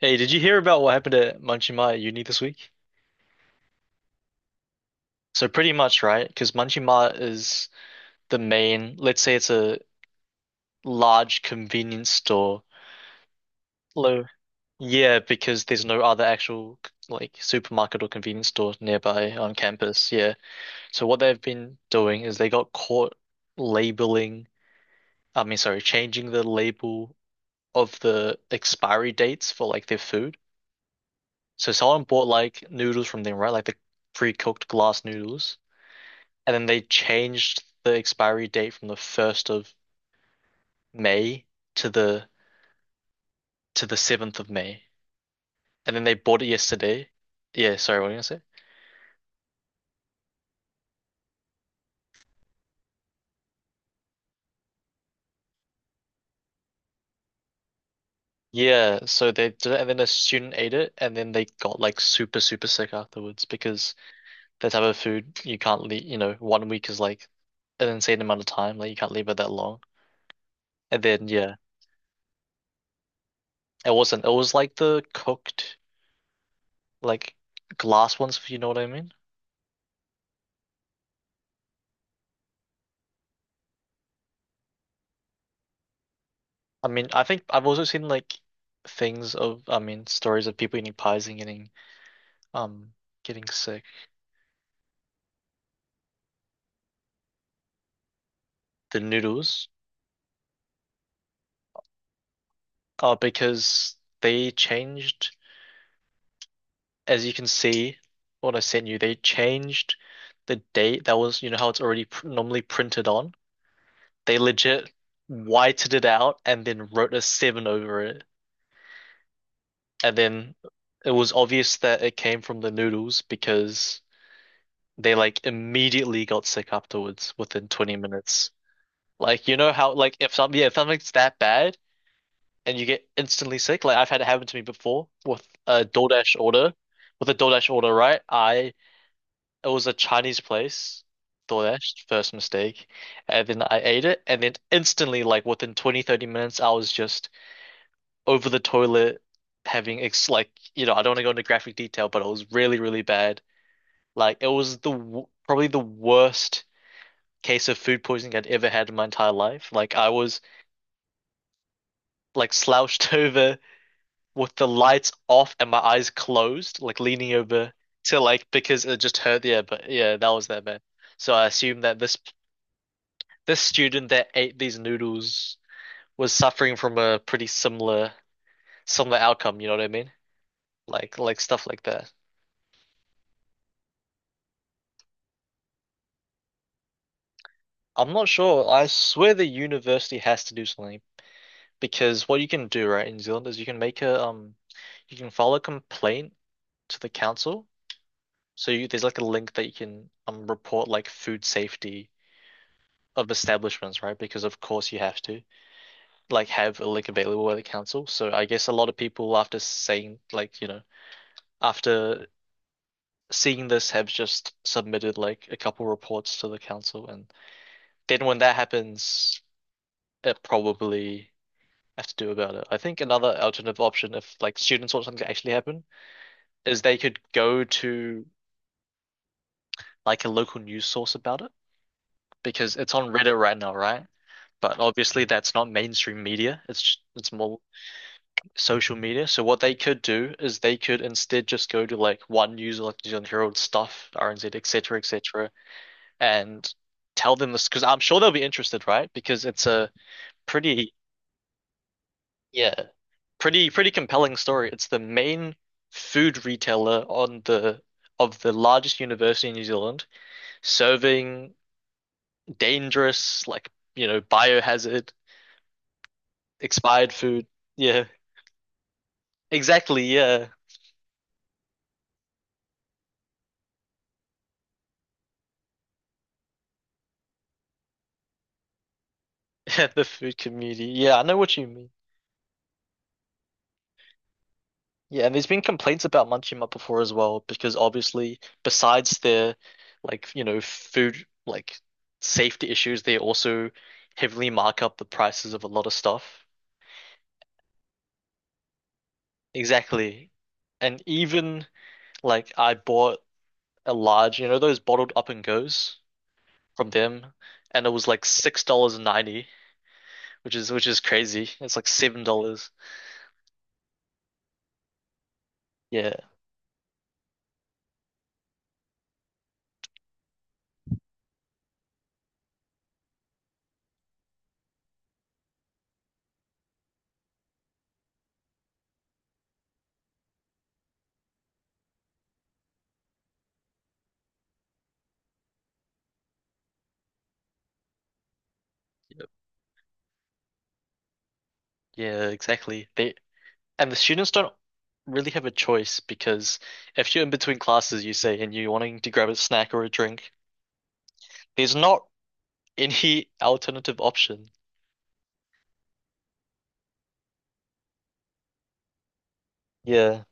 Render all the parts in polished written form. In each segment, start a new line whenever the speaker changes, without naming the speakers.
Hey, did you hear about what happened at Munchie Mart at uni this week? So pretty much, right? Because Munchie Mart is the main, let's say it's a large convenience store. Low. Yeah, because there's no other actual like supermarket or convenience store nearby on campus. Yeah. So what they've been doing is they got caught labeling, I mean, sorry, changing the label of the expiry dates for like their food. So someone bought like noodles from them, right? Like the pre-cooked glass noodles. And then they changed the expiry date from the 1st of May to the 7th of May. And then they bought it yesterday. Yeah, sorry, what were you gonna say? Yeah, so they did it and then a student ate it and then they got like super, super sick afterwards because that type of food you can't leave, you know, one week is like an insane amount of time, like you can't leave it that long. And then yeah, it wasn't. It was like the cooked like glass ones, if you know what I mean. I mean, I think I've also seen like things of, I mean, stories of people eating pies and getting um getting sick. The noodles, because they changed, as you can see, what I sent you, they changed the date that was, you know, how it's already pr normally printed on. They legit whited it out and then wrote a seven over it, and then it was obvious that it came from the noodles because they like immediately got sick afterwards within 20 minutes. Like you know how like if some yeah, if something's that bad and you get instantly sick, like I've had it happen to me before with a DoorDash order. With a DoorDash order, right? I it was a Chinese place, DoorDash, first mistake. And then I ate it and then instantly like within 20 or 30 minutes I was just over the toilet having ex like you know, I don't want to go into graphic detail, but it was really, really bad. Like it was the w probably the worst case of food poisoning I'd ever had in my entire life. Like I was like slouched over with the lights off and my eyes closed, like leaning over to like because it just hurt. Yeah, but yeah, that was that bad. So I assume that this student that ate these noodles was suffering from a pretty similar similar outcome. You know what I mean? Like stuff like that. I'm not sure. I swear the university has to do something because what you can do right in New Zealand is you can make a you can file a complaint to the council. So you, there's like a link that you can report like food safety of establishments, right? Because of course you have to like have a link available at the council. So I guess a lot of people after saying like, you know, after seeing this have just submitted like a couple reports to the council and then when that happens, it probably have to do about it. I think another alternative option if like students want something to actually happen is they could go to like a local news source about it because it's on Reddit right now, right? But obviously that's not mainstream media. It's more social media. So what they could do is they could instead just go to like one user, like New Zealand Herald stuff, RNZ, et cetera, and tell them this because I'm sure they'll be interested, right? Because it's a pretty, yeah, pretty pretty compelling story. It's the main food retailer on the of the largest university in New Zealand, serving dangerous, like, you know, biohazard, expired food. Yeah, exactly. Yeah. The food community. Yeah, I know what you mean. Yeah, and there's been complaints about Munchie Mutt before as well, because obviously, besides their like, you know, food like safety issues, they also heavily mark up the prices of a lot of stuff. Exactly. And even like I bought a large, you know, those bottled up and goes from them, and it was like $6 and 90, which is crazy. It's like $7. Yeah. Yep. Yeah, exactly. They and the students don't really have a choice because if you're in between classes, you say, and you're wanting to grab a snack or a drink, there's not any alternative option. Yeah,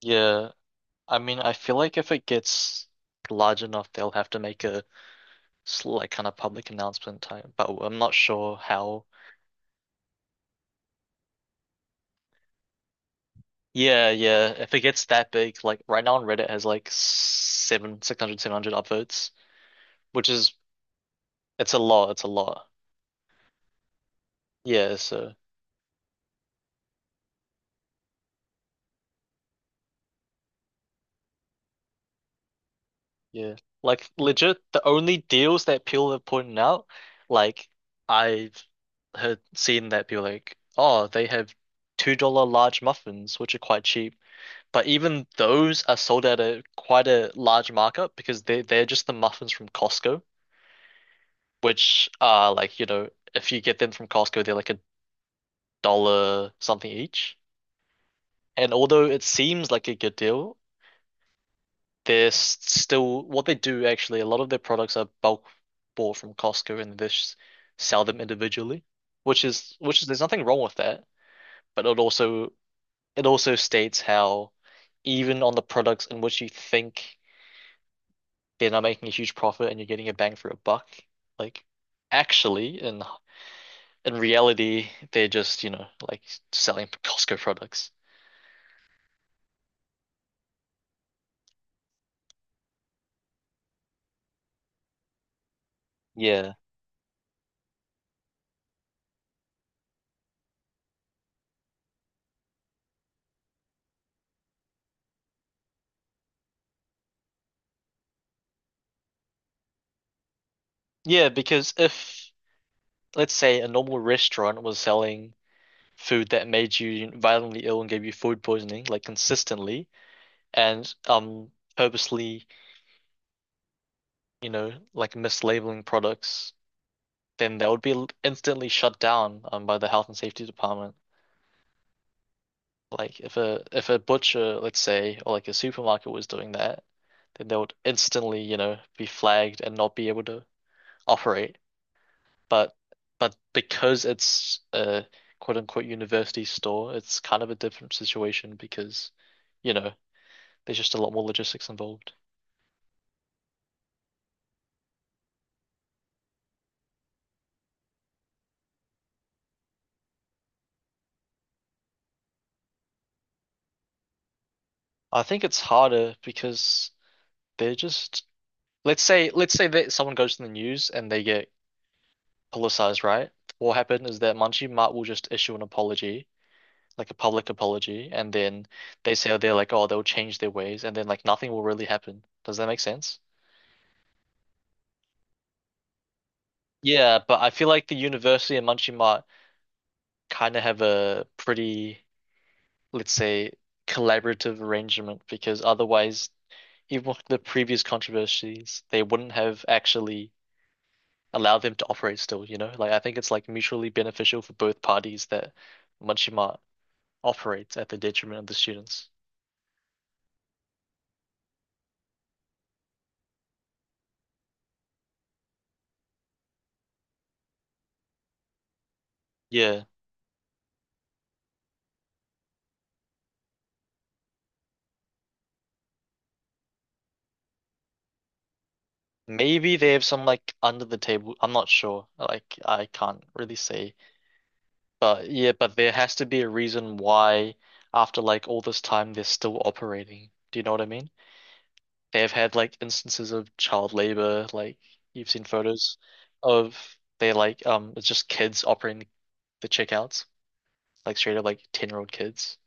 yeah. I mean, I feel like if it gets large enough, they'll have to make a s- like kind of public announcement type, but I'm not sure how. Yeah, yeah. If it gets that big, like right now on Reddit has like seven, 600, 700 upvotes, which is it's a lot, it's a lot. Yeah, so. Yeah. Like legit, the only deals that people have pointed out, like I've heard seen that people like, oh, they have $2 large muffins, which are quite cheap. But even those are sold at a quite a large markup because they're just the muffins from Costco, which are like, you know, if you get them from Costco, they're like a dollar something each. And although it seems like a good deal, they're still what they do actually, a lot of their products are bulk bought from Costco and they just sell them individually, which is there's nothing wrong with that, but it also states how even on the products in which you think they're not making a huge profit and you're getting a bang for a buck, like actually in reality they're just, you know, like selling Costco products. Yeah. Yeah, because if let's say a normal restaurant was selling food that made you violently ill and gave you food poisoning, like consistently, and purposely, you know, like mislabeling products, then that would be instantly shut down by the health and safety department. Like if a butcher, let's say, or like a supermarket was doing that, then they would instantly, you know, be flagged and not be able to operate. But but because it's a quote unquote university store, it's kind of a different situation because, you know, there's just a lot more logistics involved. I think it's harder because they're just let's say that someone goes to the news and they get politicized, right? What will happen is that Manji Mart will just issue an apology, like a public apology, and then they say they're like, oh, they'll change their ways, and then like nothing will really happen. Does that make sense? Yeah, but I feel like the university and Munchie Mart kind of have a pretty, let's say, collaborative arrangement because otherwise even with the previous controversies, they wouldn't have actually allowed them to operate still, you know? Like I think it's like mutually beneficial for both parties that Munchima operates at the detriment of the students. Yeah. Maybe they have some like under the table. I'm not sure. Like I can't really say. But yeah, but there has to be a reason why after like all this time they're still operating. Do you know what I mean? They have had like instances of child labor, like you've seen photos of they like it's just kids operating the checkouts, like straight up like 10-year-old kids.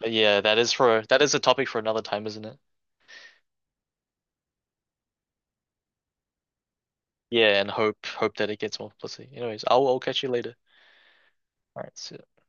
But yeah, that is for that is a topic for another time, isn't it? Yeah, and hope that it gets more publicity. Anyways, I'll catch you later. All right, see ya.